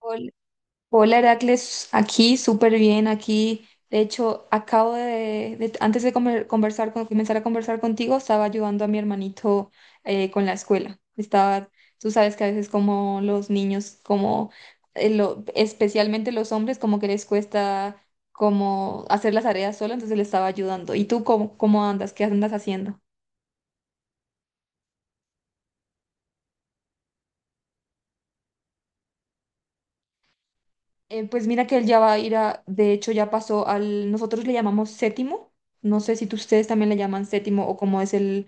Hol- Hola Heracles, aquí súper bien, aquí. De hecho, antes de conversar comenzar a conversar contigo, estaba ayudando a mi hermanito con la escuela. Estaba, tú sabes que a veces como los niños, especialmente los hombres, como que les cuesta como hacer las tareas solo, entonces le estaba ayudando. ¿Y tú cómo andas? ¿Qué andas haciendo? Pues mira que él ya va a ir a, de hecho ya pasó nosotros le llamamos séptimo, no sé si ustedes también le llaman séptimo o cómo es el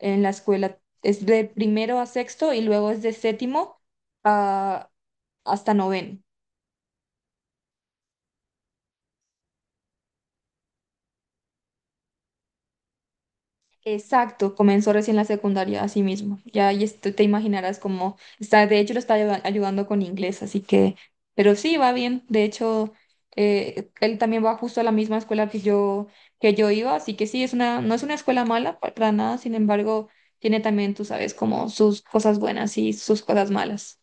en la escuela, es de primero a sexto y luego es de séptimo a, hasta noveno. Exacto, comenzó recién la secundaria, así mismo. Ya ahí te imaginarás cómo está, de hecho lo está ayudando con inglés, así que pero sí, va bien. De hecho, él también va justo a la misma escuela que yo, iba, así que sí, no es una escuela mala para nada, sin embargo, tiene también, tú sabes, como sus cosas buenas y sus cosas malas.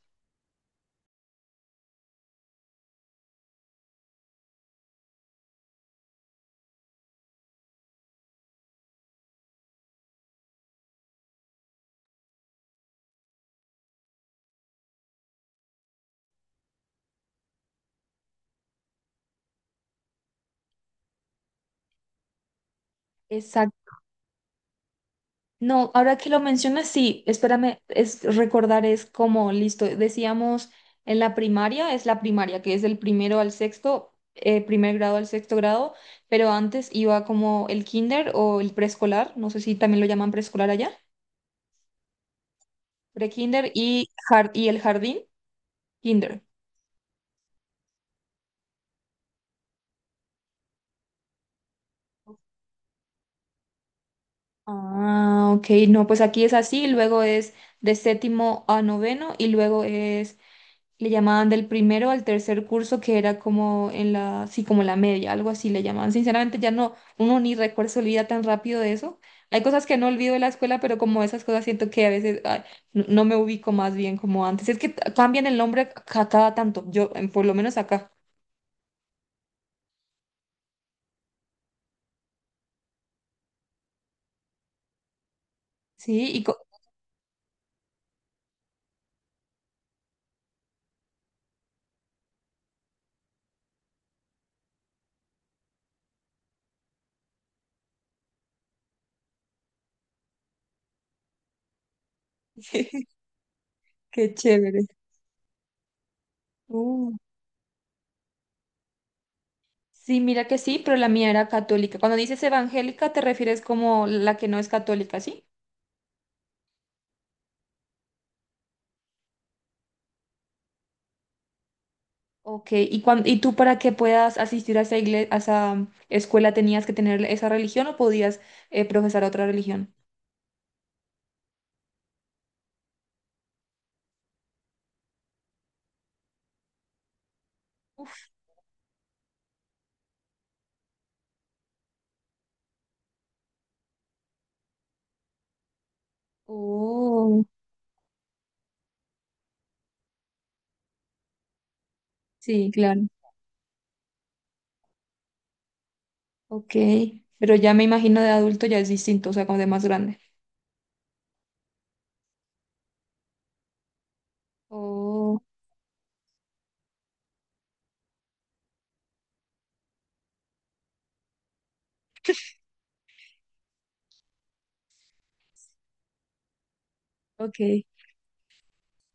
No, ahora que lo mencionas, sí, espérame, es recordar es como, listo, decíamos en la primaria, es la primaria, que es del primero al sexto, primer grado al sexto grado, pero antes iba como el kinder o el preescolar, no sé si también lo llaman preescolar allá, prekinder y, y el jardín, kinder. Ah, ok, no, pues aquí es así, luego es de séptimo a noveno y luego es le llamaban del primero al tercer curso, que era como en la, sí, como la media, algo así le llamaban. Sinceramente, ya no, uno ni recuerda, se olvida tan rápido de eso. Hay cosas que no olvido de la escuela, pero como esas cosas siento que a veces ay, no me ubico más bien como antes. Es que cambian el nombre a cada tanto, yo, por lo menos acá. Sí. Qué chévere. Uh, Sí, mira que sí, pero la mía era católica. Cuando dices evangélica, te refieres como la que no es católica, ¿sí? Ok, ¿Y tú para que puedas asistir a esa, a esa escuela tenías que tener esa religión o podías profesar otra religión? Uf. Oh, sí, claro. Ok, pero ya me imagino de adulto ya es distinto, o sea, como de más grande. Oh, ok.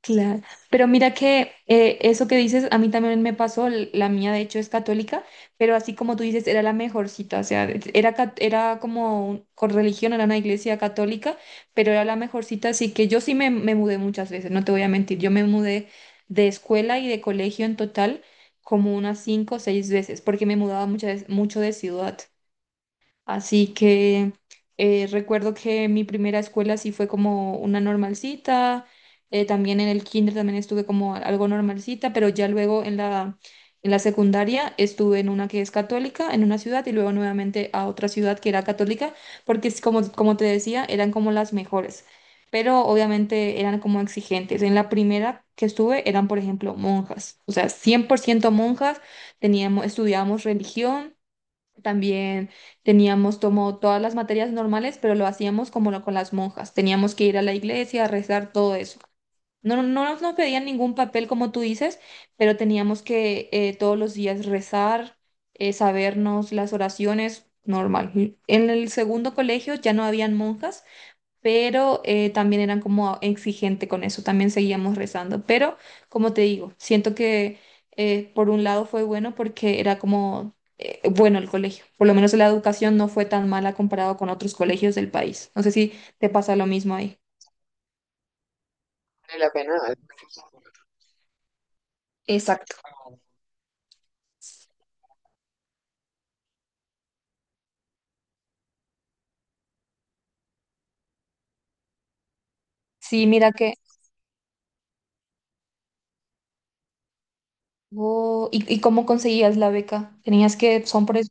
Claro, pero mira que eso que dices, a mí también me pasó, la mía de hecho es católica, pero así como tú dices, era la mejor cita, o sea, era, cat- era como un- con religión, era una iglesia católica, pero era la mejor cita, así que yo sí me mudé muchas veces, no te voy a mentir, yo me mudé de escuela y de colegio en total como unas cinco o seis veces, porque me mudaba muchas mucho de ciudad. Así que recuerdo que mi primera escuela sí fue como una normalcita, también en el kinder también estuve como algo normalcita, pero ya luego en la secundaria estuve en una que es católica, en una ciudad y luego nuevamente a otra ciudad que era católica, porque es como, como te decía, eran como las mejores, pero obviamente eran como exigentes. En la primera que estuve eran, por ejemplo, monjas, o sea, 100% monjas, teníamos, estudiábamos religión también teníamos como todas las materias normales, pero lo hacíamos como lo con las monjas. Teníamos que ir a la iglesia a rezar todo eso. No, no, no nos pedían ningún papel, como tú dices, pero teníamos que todos los días rezar, sabernos las oraciones, normal. En el segundo colegio ya no habían monjas pero también eran como exigente con eso, también seguíamos rezando. Pero, como te digo, siento que por un lado fue bueno porque era como bueno el colegio, por lo menos la educación no fue tan mala comparado con otros colegios del país. No sé si te pasa lo mismo ahí. Exacto. Sí, mira que... Oh, y cómo conseguías la beca? ¿Tenías que... son por...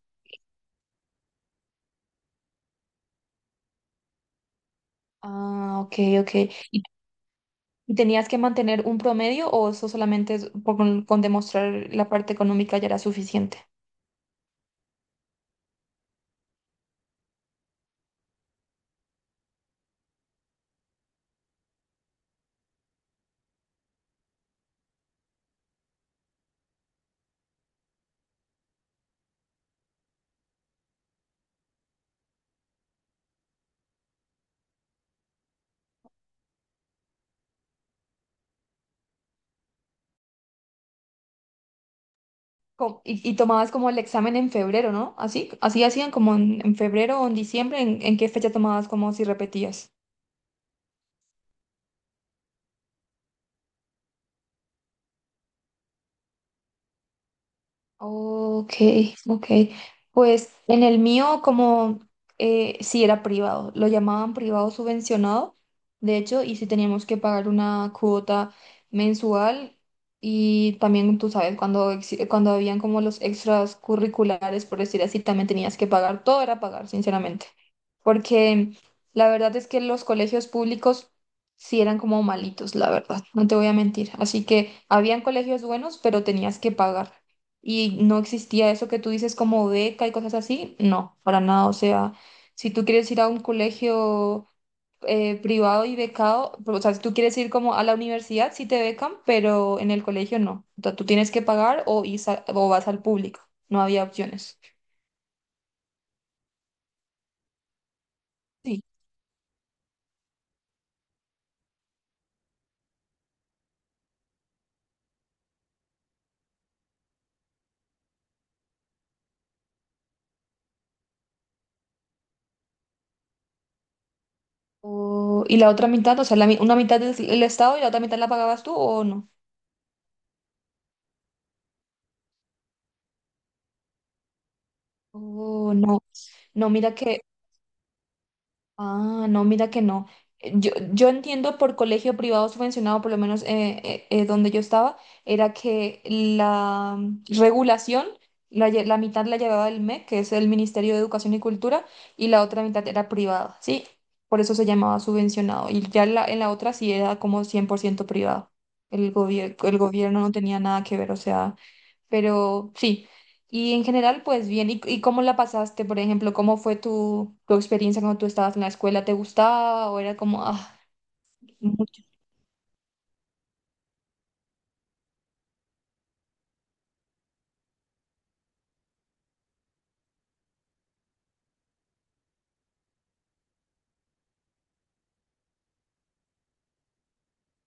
Ah, ok, ok. ¿Y, y tenías que mantener un promedio o eso solamente es con demostrar la parte económica ya era suficiente? Y tomabas como el examen en febrero, ¿no? Así, así hacían como en febrero o en diciembre, ¿en qué fecha tomabas como si repetías? Ok, ok. Pues en el mío, como sí era privado, lo llamaban privado subvencionado, de hecho, y sí teníamos que pagar una cuota mensual y también, tú sabes, cuando, cuando habían como los extras curriculares, por decir así, también tenías que pagar, todo era pagar, sinceramente, porque la verdad es que los colegios públicos sí eran como malitos, la verdad, no te voy a mentir. Así que habían colegios buenos, pero tenías que pagar. Y no existía eso que tú dices como beca y cosas así. No, para nada. O sea, si tú quieres ir a un colegio privado y becado, o sea, si tú quieres ir como a la universidad, sí te becan, pero en el colegio no. O sea, tú tienes que pagar o, ir o vas al público. No había opciones. Sí. Y la otra mitad, o sea, la una mitad del, el Estado y la otra mitad la pagabas tú o no. Oh, no. No, mira que Ah, no, mira que no. Yo entiendo por colegio privado subvencionado, por lo menos donde yo estaba, era que la regulación, la mitad la llevaba el MEC, que es el Ministerio de Educación y Cultura, y la otra mitad era privada, ¿sí? Por eso se llamaba subvencionado. Y ya en la otra sí era como 100% privado. El gobierno no tenía nada que ver, o sea, pero sí. Y en general, pues bien, ¿y, cómo la pasaste? Por ejemplo, ¿cómo fue tu experiencia cuando tú estabas en la escuela? ¿Te gustaba o era como, ah, mucho,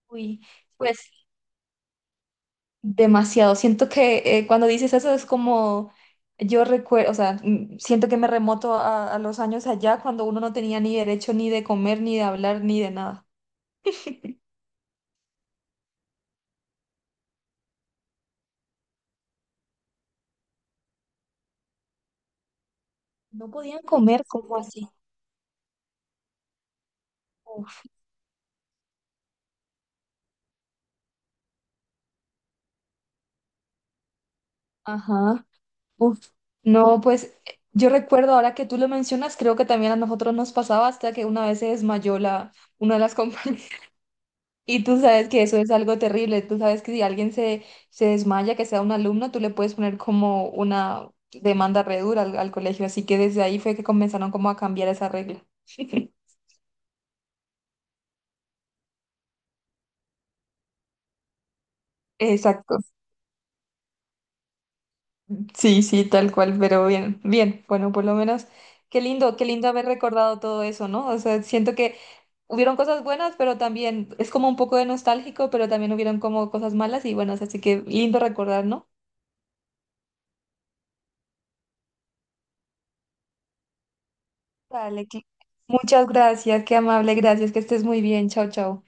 uy, pues demasiado? Siento que cuando dices eso es como, yo recuerdo, o sea, siento que me remoto a los años allá cuando uno no tenía ni derecho ni de comer, ni de hablar, ni de nada. ¿No podían comer, como así? Uf, ajá. Uf, no, pues yo recuerdo ahora que tú lo mencionas, creo que también a nosotros nos pasaba hasta que una vez se desmayó una de las compañeras. Y tú sabes que eso es algo terrible. Tú sabes que si alguien se desmaya, que sea un alumno, tú le puedes poner como una demanda re dura al colegio. Así que desde ahí fue que comenzaron como a cambiar esa regla. Exacto. Sí, sí, tal cual, pero bien, bien. Bueno, por lo menos, qué lindo haber recordado todo eso, ¿no? O sea, siento que hubieron cosas buenas, pero también es como un poco de nostálgico, pero también hubieron como cosas malas y buenas, así que lindo recordar, ¿no? Dale, muchas gracias, qué amable, gracias, que estés muy bien, chao, chao.